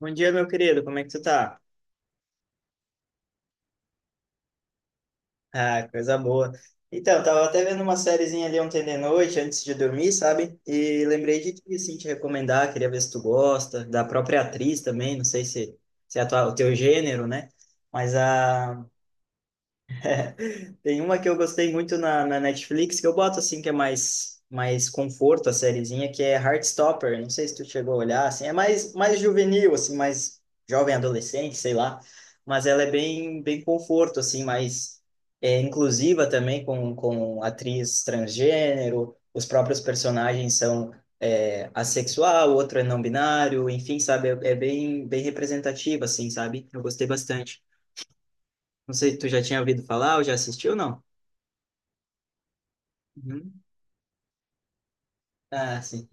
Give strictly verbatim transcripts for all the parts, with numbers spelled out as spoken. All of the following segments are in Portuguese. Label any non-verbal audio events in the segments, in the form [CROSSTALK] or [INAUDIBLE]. Bom dia, meu querido. Como é que tu tá? Ah, coisa boa. Então, tava até vendo uma sériezinha ali ontem de noite, antes de dormir, sabe? E lembrei de ti, assim, te recomendar, queria ver se tu gosta, da própria atriz também, não sei se, se é a tua- o teu gênero, né? Mas a Tem uma que eu gostei muito na, na Netflix, que eu boto assim, que é mais, mais conforto a sériezinha, que é Heartstopper. Não sei se tu chegou a olhar, assim, é mais, mais juvenil, assim, mais jovem adolescente, sei lá. Mas ela é bem, bem conforto, assim, mais é, inclusiva também com, com atriz transgênero. Os próprios personagens são é, assexual, outro é não binário, enfim, sabe? É, é bem, bem representativa, assim, sabe? Eu gostei bastante. Não sei, tu já tinha ouvido falar ou já assistiu, não? Uhum. Ah, sim.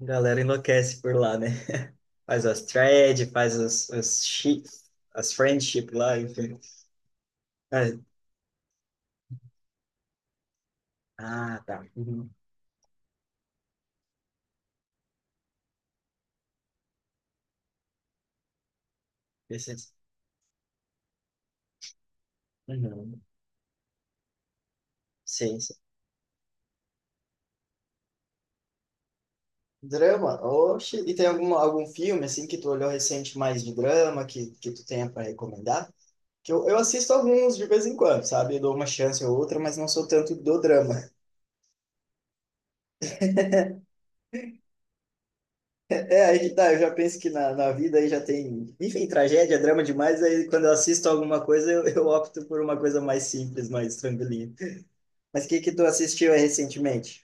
A galera enlouquece por lá, né? [LAUGHS] Faz as threads, faz as, as, chi- as friendship lá, enfim. Ah, ah, tá. Uhum. Preciso. Uhum. Sim, sim. Drama? Oxe, e tem algum, algum filme, assim, que tu olhou recente mais de drama, que, que tu tenha para recomendar? Que eu, eu assisto alguns de vez em quando, sabe? Eu dou uma chance ou outra, mas não sou tanto do drama. É, aí que tá, eu já penso que na, na vida aí já tem, enfim, tragédia, drama demais, aí quando eu assisto alguma coisa eu, eu opto por uma coisa mais simples, mais tranquilinha. Mas o que que tu assistiu aí recentemente?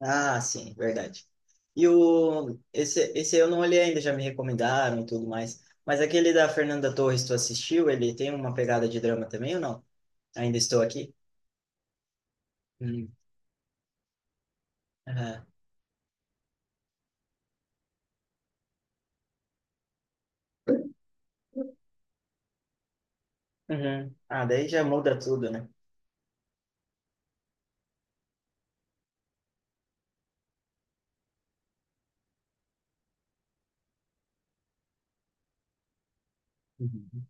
Ah, sim, verdade. E o, esse, esse eu não olhei ainda, já me recomendaram e tudo mais, mas aquele da Fernanda Torres, tu assistiu? Ele tem uma pegada de drama também ou não? Ainda estou aqui? Uhum. Aham. Uhum. Ah, daí já muda tudo, né? Uhum.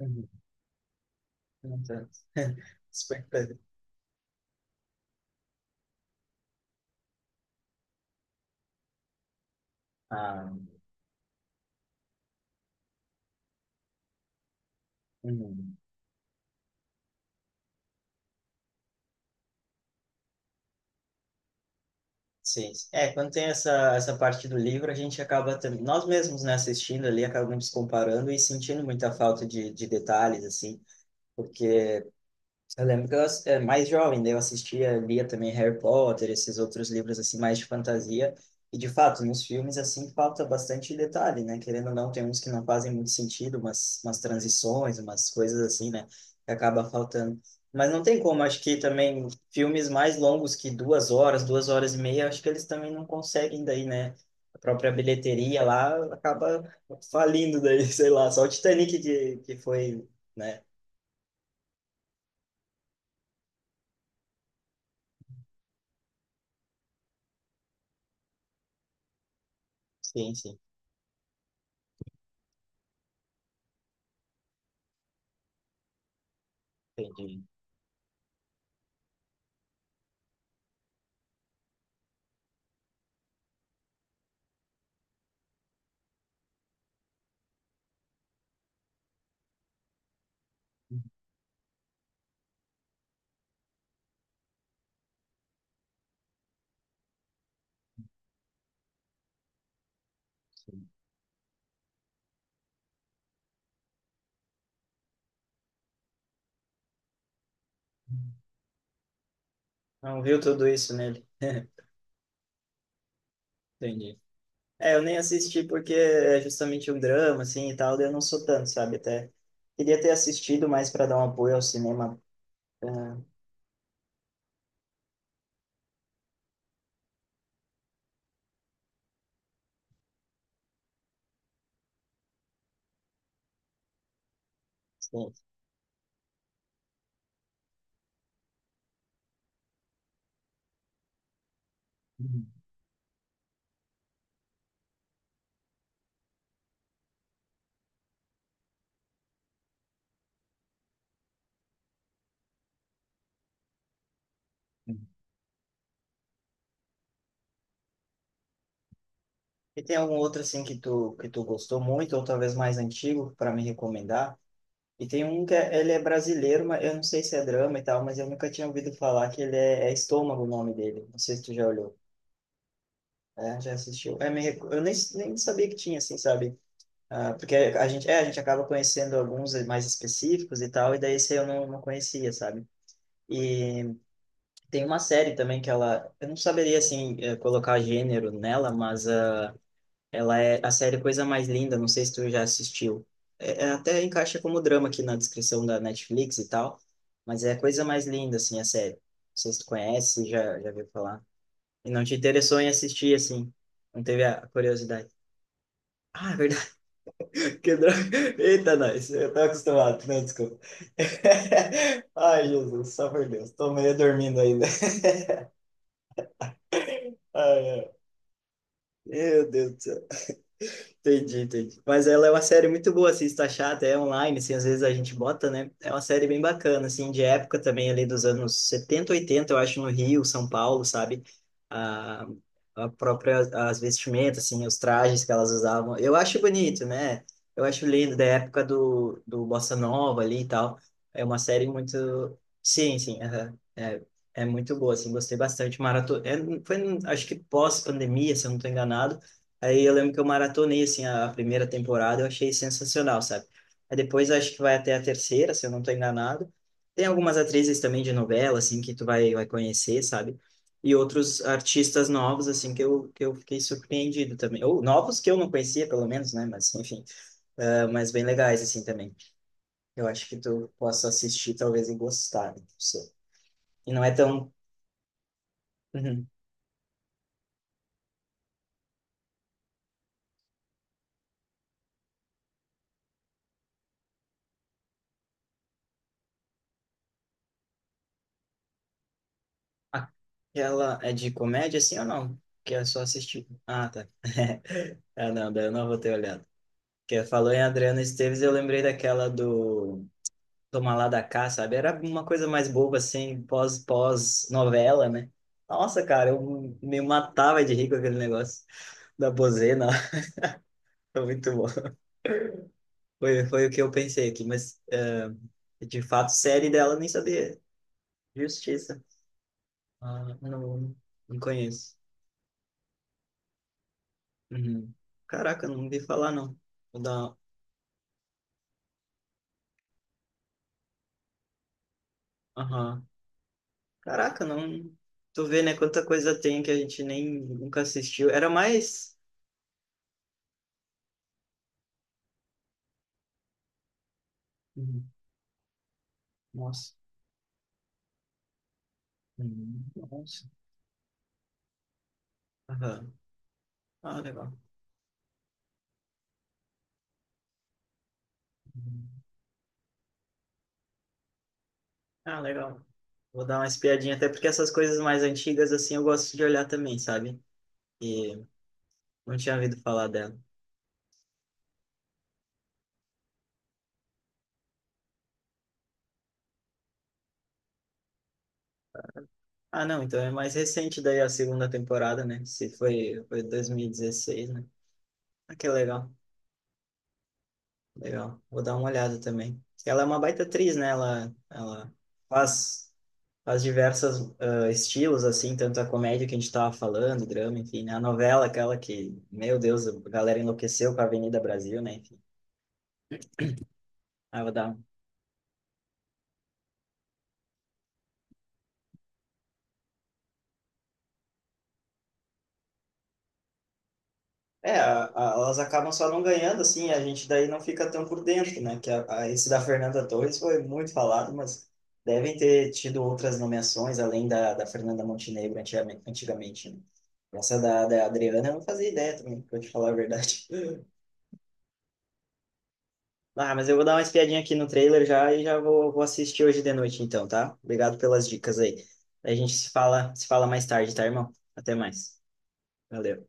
Uhum. Não tanto. [LAUGHS] Super. Ah. Uhum. Sim. É, quando tem essa, essa parte do livro, a gente acaba também, nós mesmos, né, assistindo ali, acabamos comparando e sentindo muita falta de, de detalhes, assim, porque eu lembro que eu ass- é, mais jovem, daí eu assistia, lia também Harry Potter, esses outros livros assim mais de fantasia. E de fato, nos filmes assim falta bastante detalhe, né? Querendo ou não, tem uns que não fazem muito sentido, umas, umas transições, umas coisas assim, né? Que acaba faltando. Mas não tem como, acho que também filmes mais longos que duas horas, duas horas e meia, acho que eles também não conseguem daí, né? A própria bilheteria lá acaba falindo daí, [LAUGHS] sei lá, só o Titanic que, que foi, né? Sim, sim, entendi. Não viu tudo isso nele. [LAUGHS] Entendi. É, eu nem assisti porque é justamente um drama, assim, e tal, daí eu não sou tanto, sabe? Até queria ter assistido mais para dar um apoio ao cinema. Ah, sim. Uhum. E tem algum outro, assim, que tu, que tu gostou muito, ou talvez mais antigo, para me recomendar? E tem um que é, ele é brasileiro, mas eu não sei se é drama e tal, mas eu nunca tinha ouvido falar que ele é, é Estômago o nome dele. Não sei se tu já olhou. É, já assistiu. É, me, reco- eu nem, nem sabia que tinha, assim, sabe? Ah, porque a gente, é, a gente acaba conhecendo alguns mais específicos e tal, e daí esse eu não, não conhecia, sabe? E tem uma série também que ela, eu não saberia assim eh, colocar gênero nela, mas ah, ela é a série Coisa Mais Linda, não sei se tu já assistiu. É, é, até encaixa como drama aqui na descrição da Netflix e tal, mas é a Coisa Mais Linda assim a série. Não sei se tu conhece, já já viu falar. E não te interessou em assistir assim, não teve a curiosidade. Ah, é verdade. Quebrou. [LAUGHS] Eita, nós. Eu tava acostumado, né? Desculpa. [LAUGHS] Ai, Jesus, só por Deus. Tô meio dormindo ainda. [LAUGHS] Ai, ai. Meu Deus do céu. Entendi, entendi. Mas ela é uma série muito boa, assim, está chata, é online, assim, às vezes a gente bota, né? É uma série bem bacana, assim, de época também, ali dos anos setenta, oitenta, eu acho, no Rio, São Paulo, sabe? A, a própria, as vestimentas, assim, os trajes que elas usavam. Eu acho bonito, né? Eu acho lindo, da época do, do Bossa Nova ali e tal. É uma série muito... Sim, sim, aham. É, é muito boa, assim, gostei bastante. Maratona... É, foi, acho que pós-pandemia, se eu não estou enganado. Aí eu lembro que eu maratonei, assim, a a primeira temporada, eu achei sensacional, sabe? Aí depois eu acho que vai até a terceira, se eu não tô enganado. Tem algumas atrizes também de novela, assim, que tu vai, vai conhecer, sabe? E outros artistas novos, assim, que eu, que eu fiquei surpreendido também. Ou novos que eu não conhecia, pelo menos, né? Mas, enfim, ah, mas bem legais, assim, também. Eu acho que tu possa assistir, talvez, e gostar, né? Não sei. E não é tão... Uhum. Aquela é de comédia, assim, ou não? Que é só assistir. Ah, tá. [LAUGHS] Ah, não, daí eu não vou ter olhado. Porque falou em Adriana Esteves, eu lembrei daquela do Toma lá da cá, sabe? Era uma coisa mais boba, assim, pós, pós-novela, né? Nossa, cara, eu me matava de rir com aquele negócio da bozena. [LAUGHS] Foi muito bom. Foi, foi o que eu pensei aqui, mas ah, de fato, série dela eu nem sabia. Justiça. Ah, não, não conheço. Uhum. Caraca, não ouvi falar, não. Vou dar. Aham. Caraca, não. Tu vê, né? Quanta coisa tem que a gente nem nunca assistiu. Era mais. Uhum. Nossa. Uhum. Nossa. Aham. Ah, legal. Uhum. Ah, legal. Vou dar uma espiadinha, até porque essas coisas mais antigas, assim, eu gosto de olhar também, sabe? E não tinha ouvido falar dela. Ah, não, então é mais recente daí a segunda temporada, né? Se foi, foi dois mil e dezesseis, né? Ah, que legal, legal. Vou dar uma olhada também. Ela é uma baita atriz, né? Ela, ela faz as diversas ah, estilos, assim, tanto a comédia que a gente estava falando, drama, enfim, né? A novela, aquela que, meu Deus, a galera enlouqueceu com a Avenida Brasil, né? Enfim, ah, vou dar... É, a- a- elas acabam só não ganhando, assim, a gente daí não fica tão por dentro, né? Que a, a- esse da Fernanda Torres foi muito falado, mas devem ter tido outras nomeações além da, da Fernanda Montenegro antigamente, antigamente, né? Essa da, da Adriana eu não fazia ideia também, pra te falar a verdade. [LAUGHS] Ah, mas eu vou dar uma espiadinha aqui no trailer já e já vou, vou assistir hoje de noite então, tá? Obrigado pelas dicas aí. A gente se fala, se fala mais tarde, tá, irmão? Até mais. Valeu.